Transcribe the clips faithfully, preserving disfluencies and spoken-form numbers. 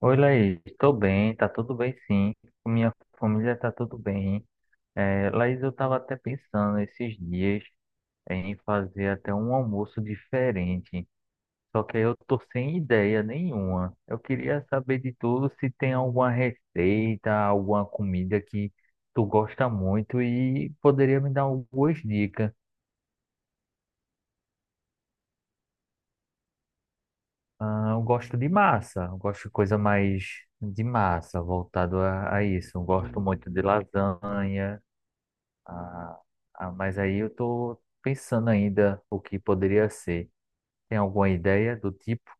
Oi, Laís, estou bem, tá tudo bem sim, com minha família tá tudo bem. É, Laís, eu estava até pensando esses dias em fazer até um almoço diferente, só que aí eu tô sem ideia nenhuma. Eu queria saber de tudo se tem alguma receita, alguma comida que tu gosta muito e poderia me dar algumas dicas. Ah, eu gosto de massa, eu gosto de coisa mais de massa, voltado a, a isso. Eu gosto muito de lasanha. Ah, ah, mas aí eu tô pensando ainda o que poderia ser. Tem alguma ideia do tipo?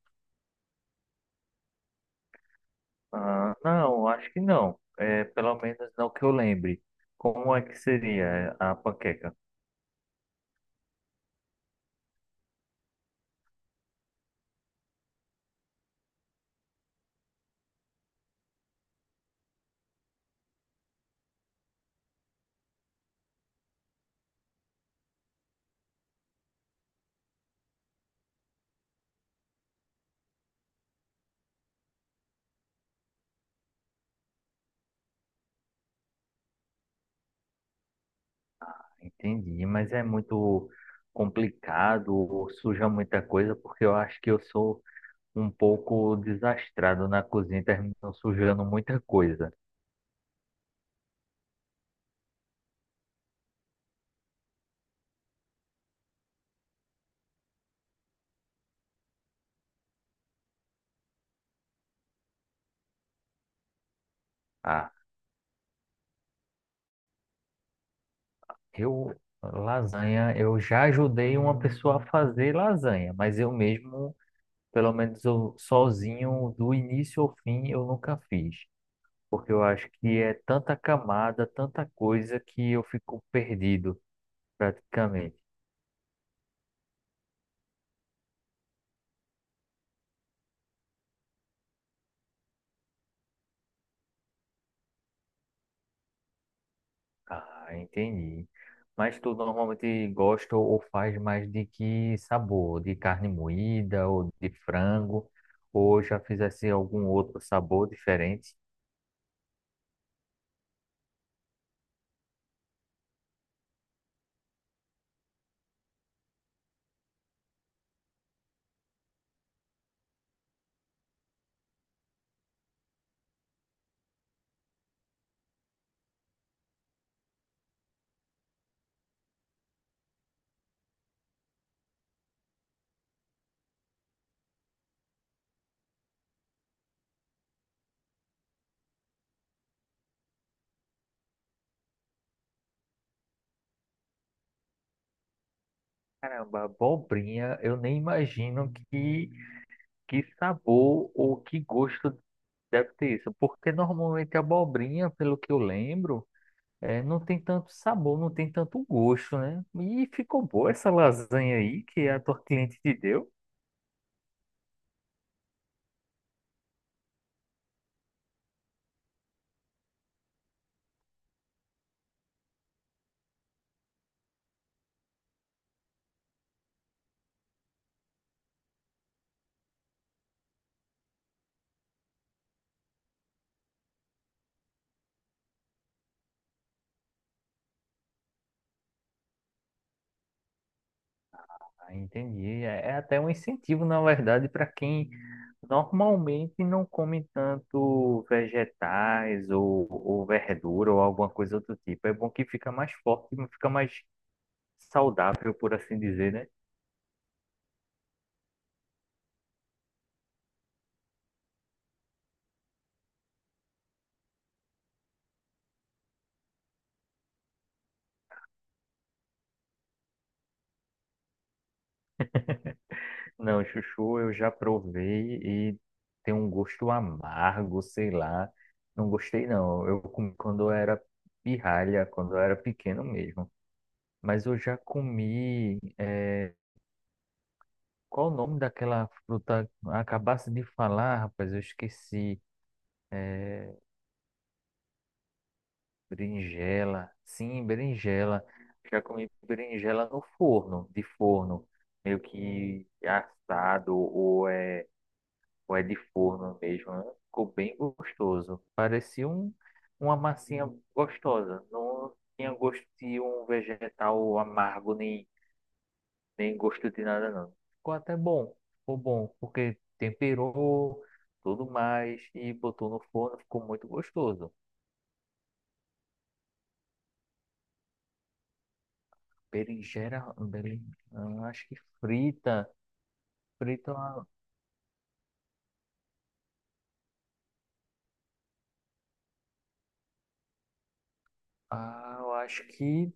Ah, não, acho que não. É, pelo menos não que eu lembre. Como é que seria a panqueca? Entendi, mas é muito complicado, ou suja muita coisa, porque eu acho que eu sou um pouco desastrado na cozinha, termino sujando muita coisa. Ah, eu, lasanha, eu já ajudei uma pessoa a fazer lasanha, mas eu mesmo Pelo menos eu sozinho, do início ao fim, eu nunca fiz. Porque eu acho que é tanta camada, tanta coisa que eu fico perdido, praticamente. Ah, entendi. Mas tu normalmente gosta ou faz mais de que sabor? De carne moída ou de frango? Ou já fizesse algum outro sabor diferente? Caramba, abobrinha, eu nem imagino que, que sabor ou que gosto Deve ter isso, porque normalmente a abobrinha, pelo que eu lembro, é, não tem tanto sabor, não tem tanto gosto, né? E ficou boa essa lasanha aí que a tua cliente te deu. Ah, entendi. É, é até um incentivo, na verdade, para quem normalmente não come tanto vegetais ou, ou verdura ou alguma coisa do tipo. É bom que fica mais forte, fica mais saudável, por assim dizer, né? Não, chuchu eu já provei e tem um gosto amargo, sei lá. Não gostei, não. Eu comi quando eu era pirralha, quando eu era pequeno mesmo. Mas eu já comi. eh, Qual o nome daquela fruta? Acabasse de falar, rapaz, eu esqueci. É... Berinjela. Sim, berinjela. Já comi berinjela no forno, de forno, meio que assado ou é ou é de forno mesmo, né? Ficou bem gostoso. Parecia um, uma massinha gostosa. Não tinha gosto de um vegetal amargo, nem, nem gosto de nada, não. Ficou até bom. Ficou bom, porque temperou tudo mais e botou no forno, ficou muito gostoso. Berinjela, berinjela, acho que frita. Frita, ah, eu acho que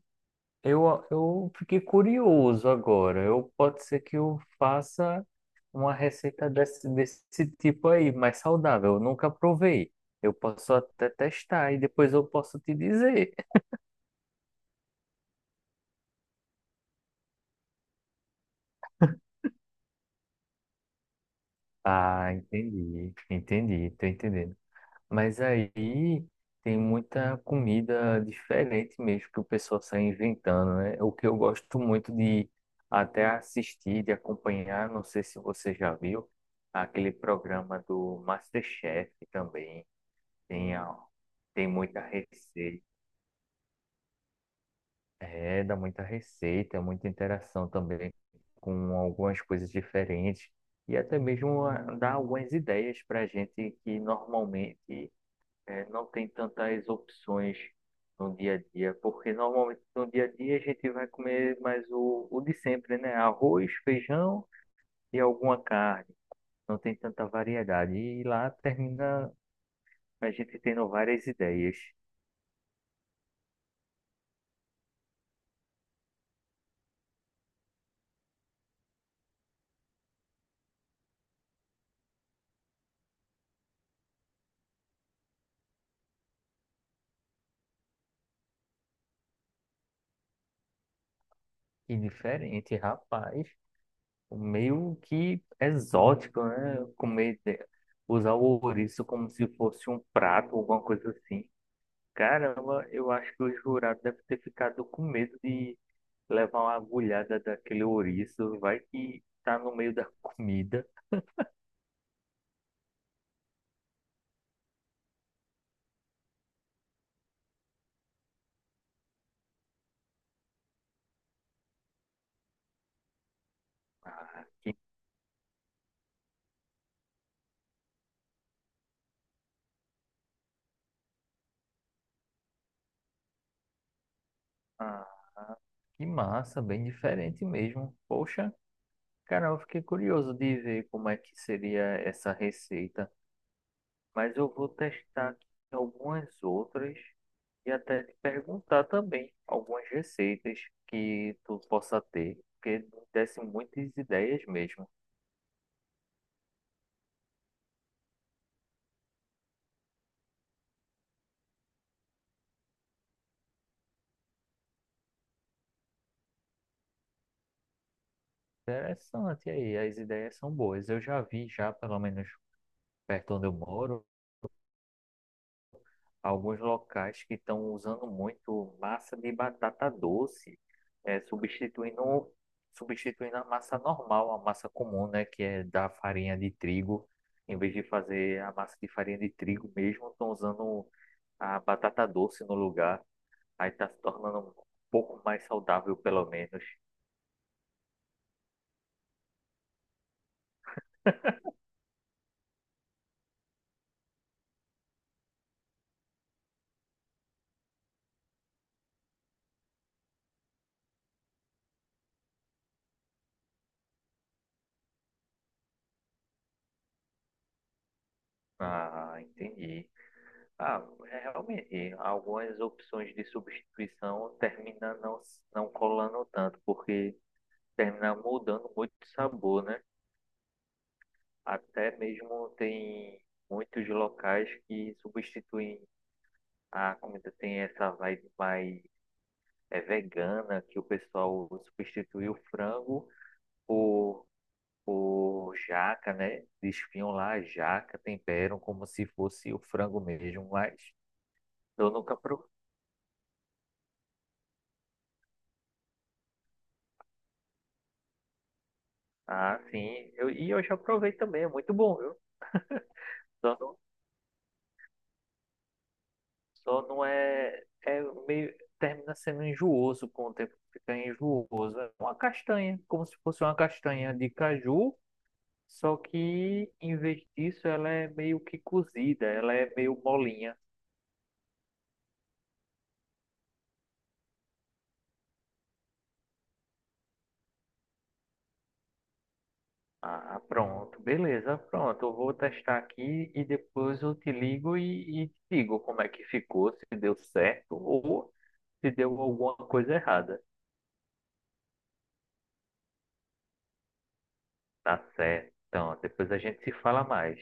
Eu, eu fiquei curioso agora. Eu pode ser que eu faça uma receita desse, desse tipo aí, mais saudável. Eu nunca provei. Eu posso até testar e depois eu posso te dizer. Ah, entendi, entendi, tô entendendo. Mas aí tem muita comida diferente mesmo que o pessoal sai inventando, né? O que eu gosto muito de até assistir, de acompanhar, não sei se você já viu, aquele programa do MasterChef também. Tem, a- tem muita receita. É, dá muita receita, muita interação também com algumas coisas diferentes. E até mesmo ah, dá algumas ideias para a gente que normalmente é, não tem tantas opções no dia a dia, porque normalmente no dia a dia a gente vai comer mais o, o de sempre, né? Arroz, feijão e alguma carne. Não tem tanta variedade. E lá termina a gente tendo várias ideias. E diferente, rapaz. Meio que exótico, né? Comer, de- usar o ouriço como se fosse um prato, alguma coisa assim. Caramba, eu acho que o jurado deve ter ficado com medo de levar uma agulhada daquele ouriço. Vai que tá no meio da comida. Ah, que, ah, que massa, bem diferente mesmo. Poxa, cara, eu fiquei curioso de ver como é que seria essa receita. Mas eu vou testar aqui algumas outras e até te perguntar também algumas receitas que tu possa ter, porque me desse muitas ideias mesmo. Interessante aí, as ideias são boas. Eu já vi já, pelo menos perto onde eu moro, alguns locais que estão usando muito massa de batata doce, é, substituindo, substituindo a massa normal, a massa comum, né, que é da farinha de trigo. Em vez de fazer a massa de farinha de trigo mesmo, estão usando a batata doce no lugar. Aí está se tornando um pouco mais saudável, pelo menos. Ah, entendi. Ah, é, realmente, algumas opções de substituição terminam não, não colando tanto, porque termina mudando muito o sabor, né? Até mesmo tem muitos locais que substituem a comida, tem essa vibe mais é, vegana, que o pessoal substitui o frango por, por jaca, né? Desfiam lá a jaca, temperam como se fosse o frango mesmo, mas eu nunca. Ah, sim. Eu, e eu já provei também, é muito bom, viu? Só não, só não é, é meio, termina sendo enjooso com o tempo, fica enjooso. É uma castanha, como se fosse uma castanha de caju, só que em vez disso ela é meio que cozida, ela é meio molinha. Ah, pronto, beleza, pronto. Eu vou testar aqui e depois eu te ligo e, e te digo como é que ficou, se deu certo ou se deu alguma coisa errada. Tá certo. Então, depois a gente se fala mais.